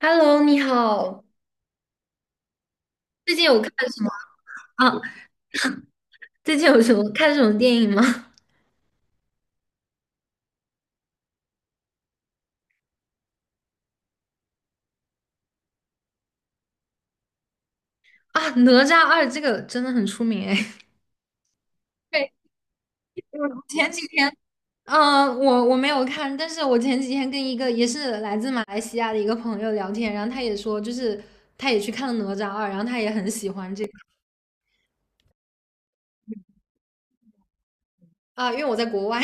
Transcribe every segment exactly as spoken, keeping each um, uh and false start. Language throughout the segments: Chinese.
Hello，你好，最近有看什么啊？最近有什么看什么电影吗？啊，《哪吒二》这个真的很出名哎。对，我前几天，嗯、我我没有看，但是我前几天跟一个也是来自马来西亚的一个朋友聊天，然后他也说，就是他也去看了《哪吒二》，然后他也很喜欢这个啊，因为我在国外，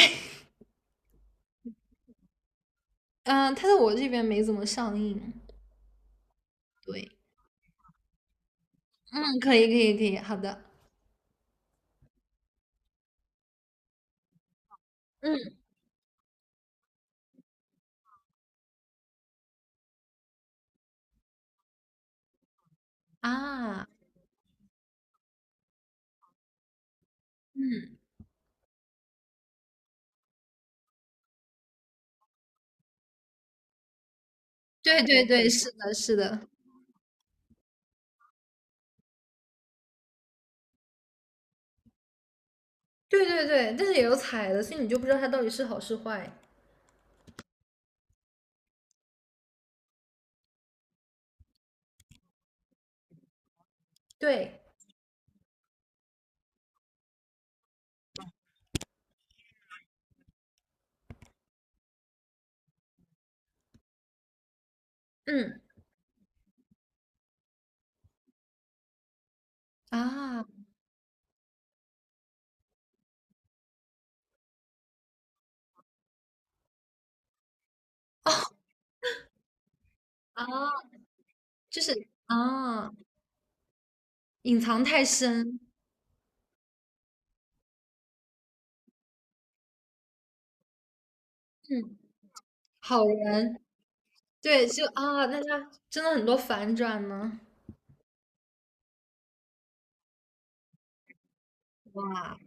嗯、他在我这边没怎么上映。对，嗯，可以，可以，可以，好的，嗯啊，嗯，对对对，是的，是的。对对对，但是也有踩的，所以你就不知道它到底是好是坏。对，嗯，啊，啊，就是啊，隐藏太深，嗯，好人，对，就啊，那他真的很多反转呢，哇，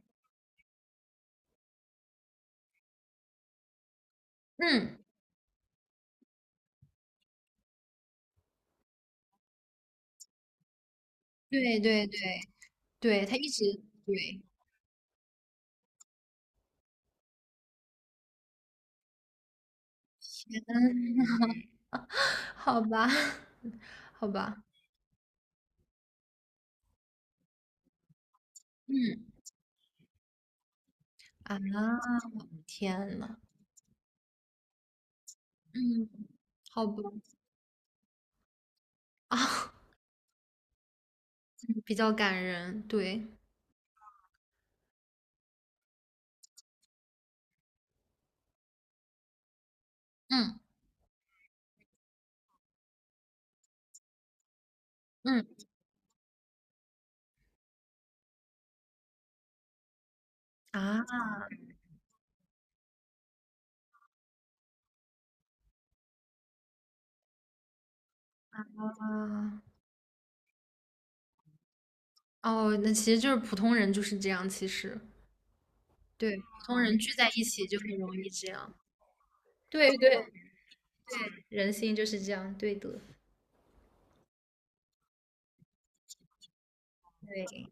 嗯，对对对对，他一直对，嗯，好吧，好吧，嗯，啊，天呐，嗯，好吧，啊，比较感人，对，嗯嗯啊啊。哦，那其实就是普通人就是这样，其实，对，普通人聚在一起就很容易这样。对对对，人性就是这样，对的，对，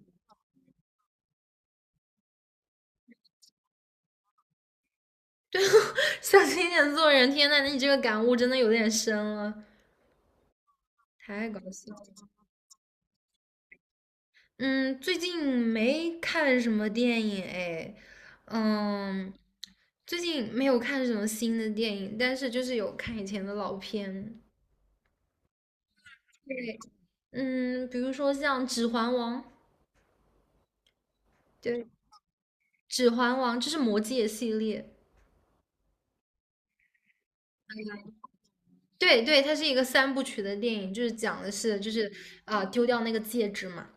小心点做人。天呐，那你这个感悟真的有点深了，太搞笑了。嗯，最近没看什么电影哎，嗯，最近没有看什么新的电影，但是就是有看以前的老片，对，嗯，比如说像《指环王》，对。指环王》这是魔戒系列，对对，它是一个三部曲的电影，就是讲的是就是啊、呃丢掉那个戒指嘛，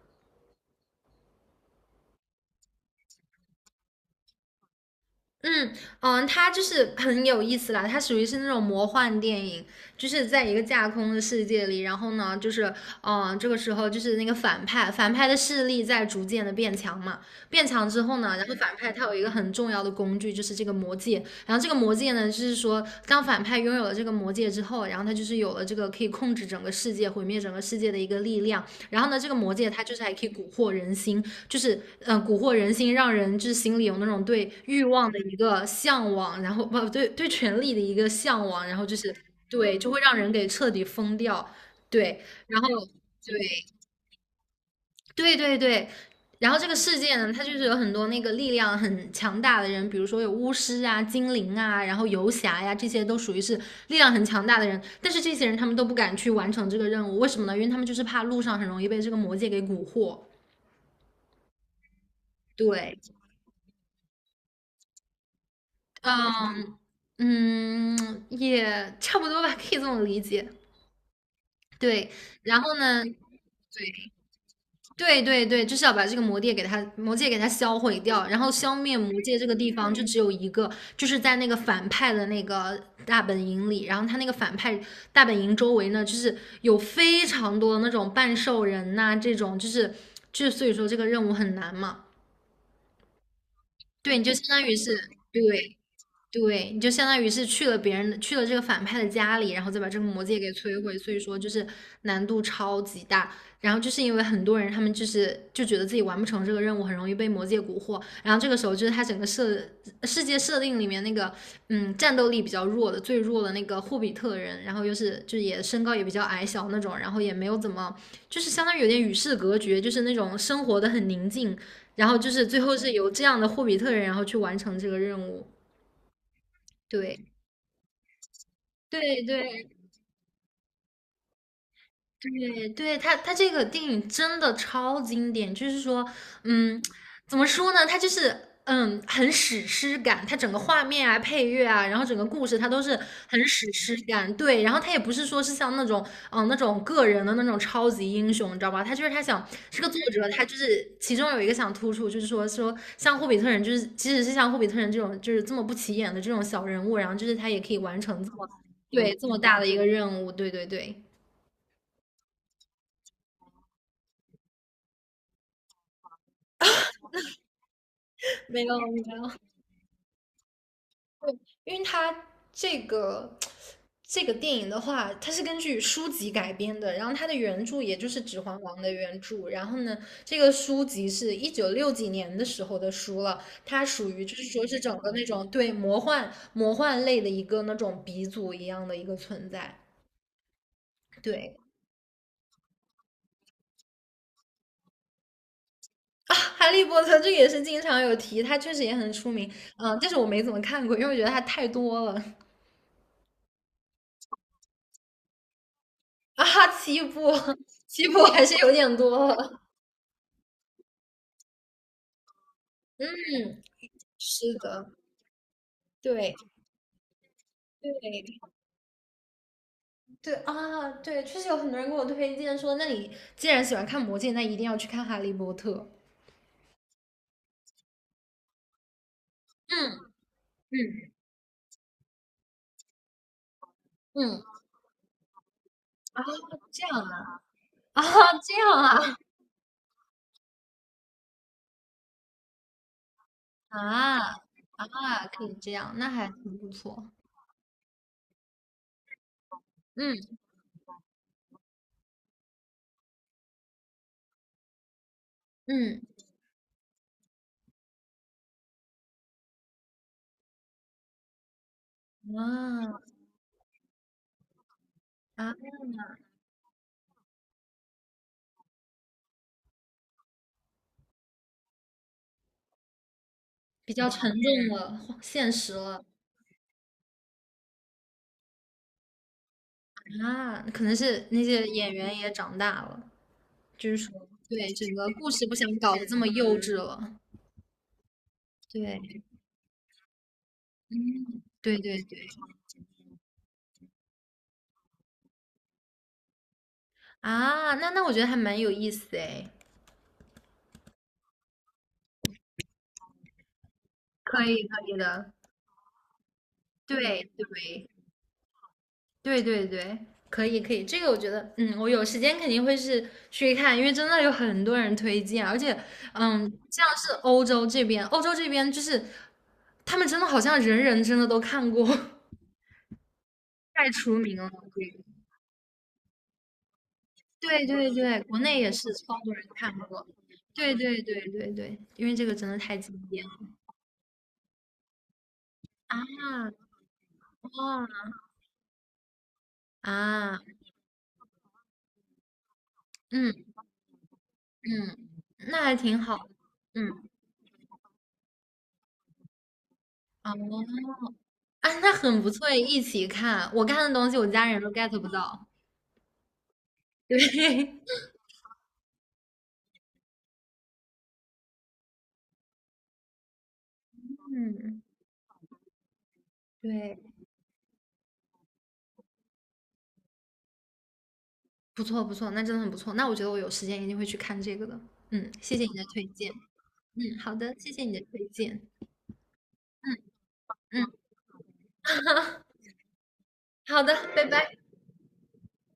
嗯嗯，它就是很有意思啦，它属于是那种魔幻电影，就是在一个架空的世界里，然后呢，就是嗯，这个时候就是那个反派，反派的势力在逐渐的变强嘛，变强之后呢，然后反派他有一个很重要的工具，就是这个魔戒，然后这个魔戒呢，就是说当反派拥有了这个魔戒之后，然后他就是有了这个可以控制整个世界、毁灭整个世界的一个力量，然后呢，这个魔戒它就是还可以蛊惑人心，就是嗯、呃蛊惑人心，让人就是心里有那种对欲望的一个向往，然后不对对权力的一个向往，然后就是对，就会让人给彻底疯掉。对，然后对对对对，然后这个世界呢，它就是有很多那个力量很强大的人，比如说有巫师啊、精灵啊，然后游侠呀，这些都属于是力量很强大的人。但是这些人他们都不敢去完成这个任务，为什么呢？因为他们就是怕路上很容易被这个魔界给蛊惑。对，嗯嗯，也差不多吧，可以这么理解。对，然后呢，对对对，就是要把这个魔戒给它魔界给它销毁掉，然后消灭魔界这个地方就只有一个，就是在那个反派的那个大本营里，然后他那个反派大本营周围呢，就是有非常多的那种半兽人呐、这种就是就是所以说这个任务很难嘛，对，你就相当于是对对，你就相当于是去了别人的，去了这个反派的家里，然后再把这个魔戒给摧毁，所以说就是难度超级大。然后就是因为很多人他们就是就觉得自己完不成这个任务，很容易被魔戒蛊惑。然后这个时候就是他整个设世界设定里面那个嗯战斗力比较弱的最弱的那个霍比特人，然后又是就也身高也比较矮小那种，然后也没有怎么就是相当于有点与世隔绝，就是那种生活的很宁静。然后就是最后是由这样的霍比特人然后去完成这个任务，对。对对对对，他他这个电影真的超经典，就是说，嗯，怎么说呢？他就是嗯很史诗感，他整个画面啊、配乐啊，然后整个故事他都是很史诗感。对，然后他也不是说是像那种嗯那种个人的那种超级英雄，你知道吧？他就是他想这个作者，他就是其中有一个想突出，就是说说像霍比特人，就是即使是像霍比特人这种就是这么不起眼的这种小人物，然后就是他也可以完成这么对这么大的一个任务。对对对。没有没有，因为它这个这个电影的话，它是根据书籍改编的，然后它的原著也就是《指环王》的原著，然后呢，这个书籍是一九六几年的时候的书了，它属于就是说是整个那种对魔幻魔幻类的一个那种鼻祖一样的一个存在，对。啊，哈利波特这个也是经常有提，它确实也很出名，嗯，但是我没怎么看过，因为我觉得它太多了啊，七部，七部还是有点多了，嗯。是的，对对对啊，对，确实有很多人给我推荐说，那你既然喜欢看《魔戒》，那一定要去看《哈利波特》。嗯嗯嗯，这样啊，啊，这样啊，啊啊，可以这样，那还挺不错。嗯，嗯啊啊，比较沉重了，现实了啊，可能是那些演员也长大了，就是说，对，整个故事不想搞得这么幼稚了。对对对对。啊，那那我觉得还蛮有意思哎，可以可以的，对对对对对，可以可以，这个我觉得，嗯，我有时间肯定会是去看，因为真的有很多人推荐，而且，嗯，像是欧洲这边，欧洲这边就是他们真的好像人人真的都看过，太出名了，对对对对，国内也是超多人看过。对对对对对，因为这个真的太经典了啊！哦啊，嗯，嗯，那还挺好的。嗯，哦，啊，那很不错，一起看。我看的东西，我家人都 get 不到。对，嗯，对，不错不错，那真的很不错。那我觉得我有时间一定会去看这个的。嗯，谢谢你的推荐。嗯，好的，谢谢你的推荐。嗯嗯，好的，拜拜。